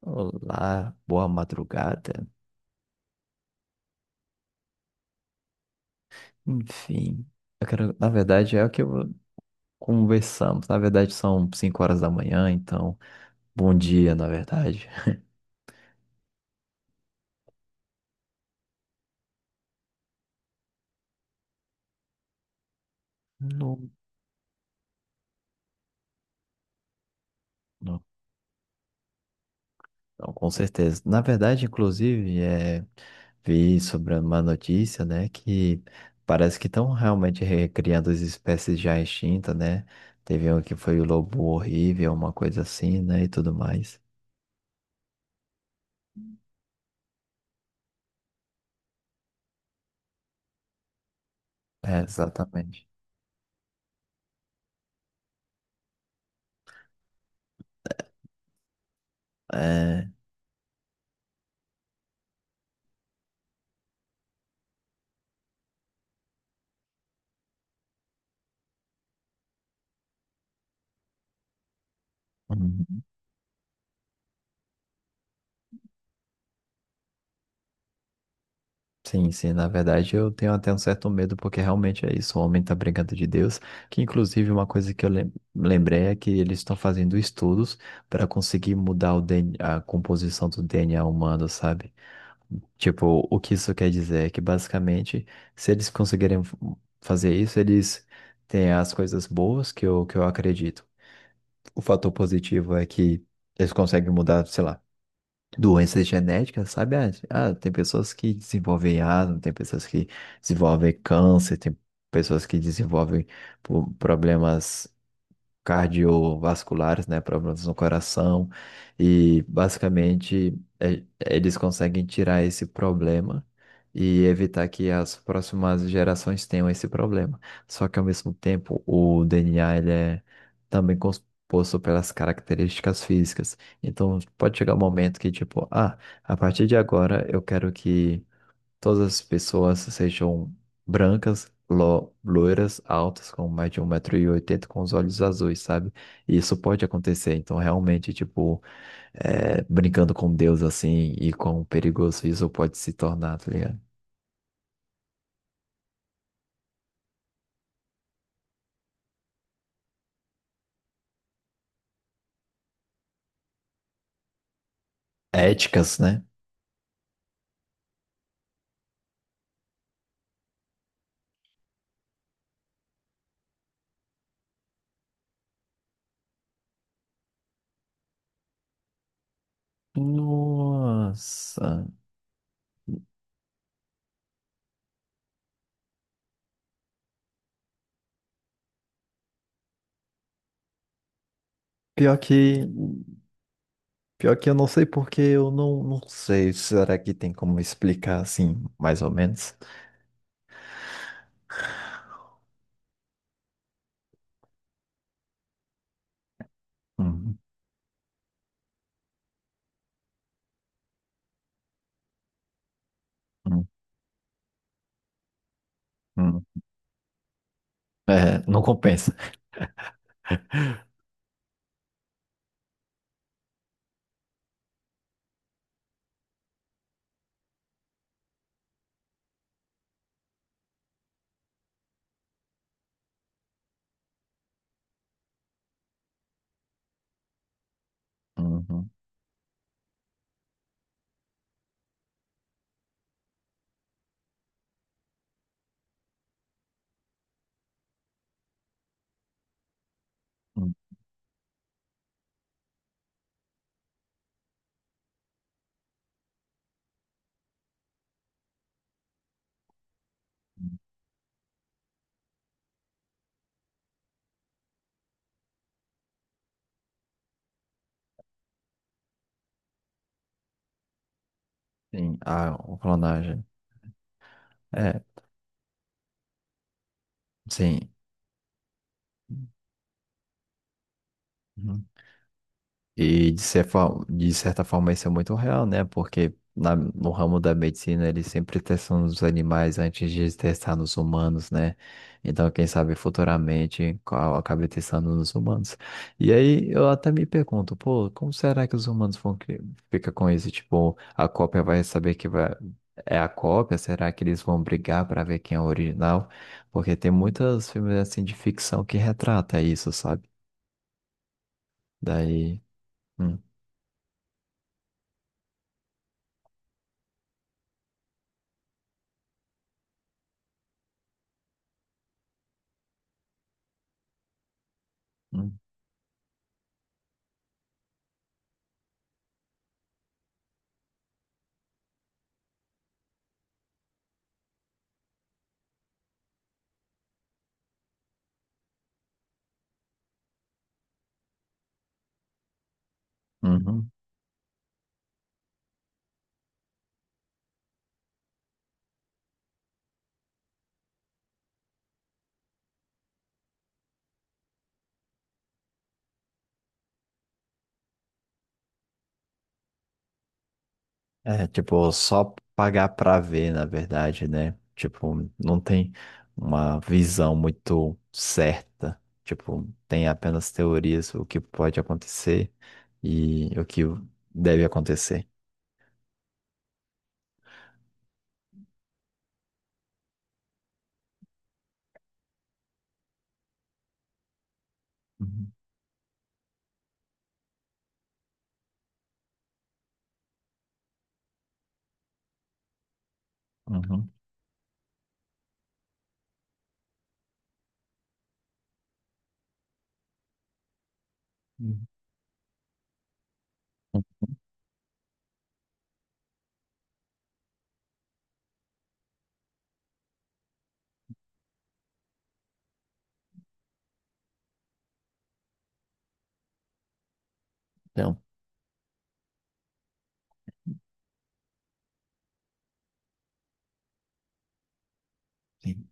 Olá, boa madrugada. Enfim, eu quero, na verdade, é o que conversamos. Na verdade, são 5 horas da manhã, então, bom dia, na verdade. Não, não, não, com certeza. Na verdade, inclusive, é, vi sobre uma notícia, né, que parece que estão realmente recriando as espécies já extintas, né? Teve um que foi o lobo horrível, uma coisa assim, né, e tudo mais. É, exatamente. É. Sim, sim, na verdade eu tenho até um certo medo, porque realmente é isso, o homem tá brincando de Deus, que inclusive uma coisa que lembrei é que eles estão fazendo estudos para conseguir mudar o DNA, a composição do DNA humano, sabe? Tipo, o que isso quer dizer é que basicamente, se eles conseguirem fazer isso, eles têm as coisas boas que eu acredito. O fator positivo é que eles conseguem mudar, sei lá, doenças genéticas, sabe? Ah, ah, tem pessoas que desenvolvem asma, tem pessoas que desenvolvem câncer, tem pessoas que desenvolvem problemas cardiovasculares, né, problemas no coração, e basicamente eles conseguem tirar esse problema e evitar que as próximas gerações tenham esse problema. Só que ao mesmo tempo, o DNA ele é também composto pelas características físicas. Então, pode chegar um momento que tipo, ah, a partir de agora eu quero que todas as pessoas sejam brancas, loiras, altas, com mais de 1,80 m com os olhos azuis, sabe? E isso pode acontecer. Então, realmente, tipo, é, brincando com Deus assim e quão perigoso isso pode se tornar, tá ligado? Éticas, né? Nossa. Pior que, pior que eu não sei porque eu não sei. Será que tem como explicar assim, mais ou menos? Uhum, uhum, uhum. É, não compensa. Uhum, uhum. Sim, a clonagem. É, sim. Uhum. E de certa forma isso é muito real, né? Porque no ramo da medicina eles sempre testam nos animais antes de testar nos humanos, né? Então, quem sabe futuramente qual acabe testando nos humanos. E aí eu até me pergunto, pô, como será que os humanos ficar com isso? Tipo, a cópia vai saber que é a cópia? Será que eles vão brigar para ver quem é o original? Porque tem muitos filmes assim de ficção que retrata isso, sabe? Daí. Hum, hum, uhum. É, tipo, só pagar pra ver, na verdade, né? Tipo, não tem uma visão muito certa. Tipo, tem apenas teorias, o que pode acontecer e o que deve acontecer. Uhum. Uhum. Uhum. Então, sim.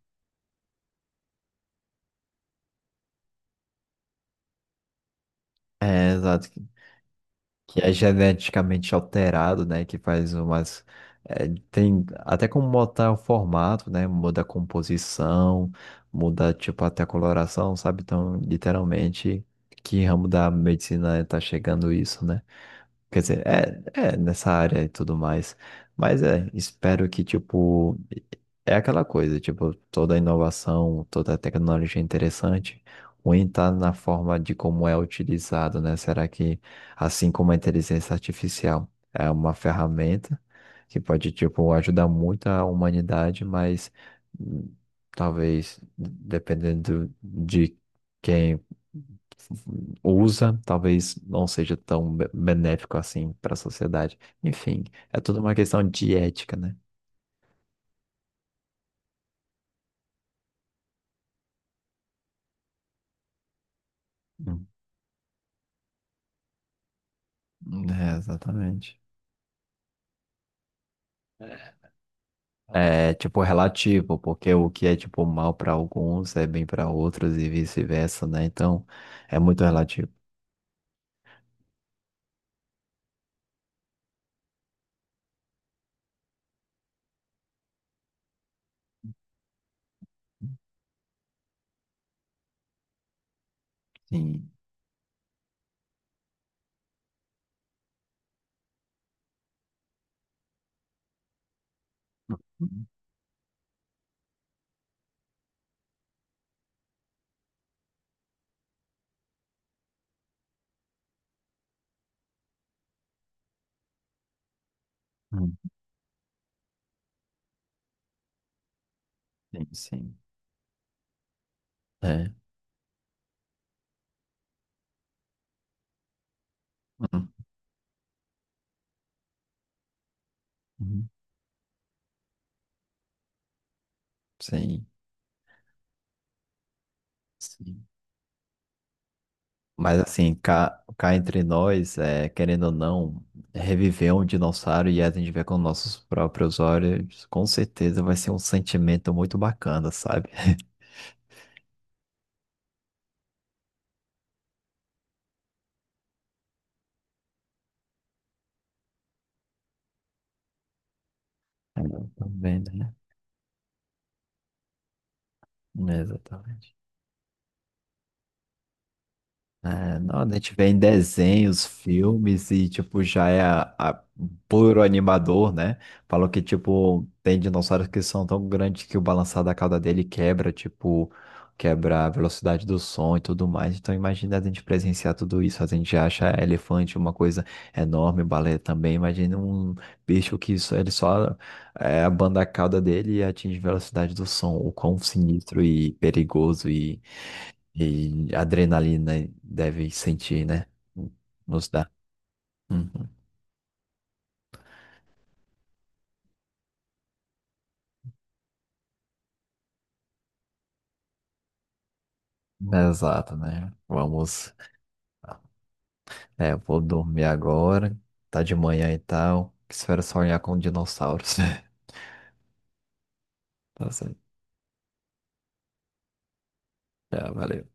É, exato. Que é geneticamente alterado, né? Que faz umas. É, tem até como mudar o formato, né? Muda a composição, muda, tipo, até a coloração, sabe? Então, literalmente, que ramo da medicina tá chegando isso, né? Quer dizer, é, nessa área e tudo mais. Mas é, espero que, tipo, é aquela coisa, tipo, toda inovação, toda tecnologia é interessante, ruim tá na forma de como é utilizado, né? Será que, assim como a inteligência artificial é uma ferramenta que pode, tipo, ajudar muito a humanidade, mas hum, talvez, dependendo de quem usa, talvez não seja tão benéfico assim para a sociedade. Enfim, é tudo uma questão de ética, né? Hum. É, exatamente. É tipo relativo, porque o que é tipo mal para alguns é bem para outros e vice-versa, né? Então, é muito relativo. Sim. Hum. Sim, sim. É. Hum, hum. Sim, sim. Mas assim, cá entre nós, é, querendo ou não, reviver um dinossauro e a gente ver com nossos próprios olhos, com certeza vai ser um sentimento muito bacana, sabe? É, também, né? É, exatamente. É, não, a gente vê em desenhos, filmes e, tipo, já é a- puro animador, né? Falou que, tipo, tem dinossauros que são tão grandes que o balançar da cauda dele quebra, tipo, quebra a velocidade do som e tudo mais. Então, imagina a gente presenciar tudo isso. A gente acha elefante uma coisa enorme, baleia também. Imagina um bicho que só, ele só é, abanda a cauda dele e atinge a velocidade do som. O quão sinistro e perigoso e adrenalina deve sentir, né? Nos dá. Uhum. Exato, né? Vamos. É, eu vou dormir agora. Tá de manhã e tal. Espero sonhar com dinossauros. Tá certo. Já, valeu.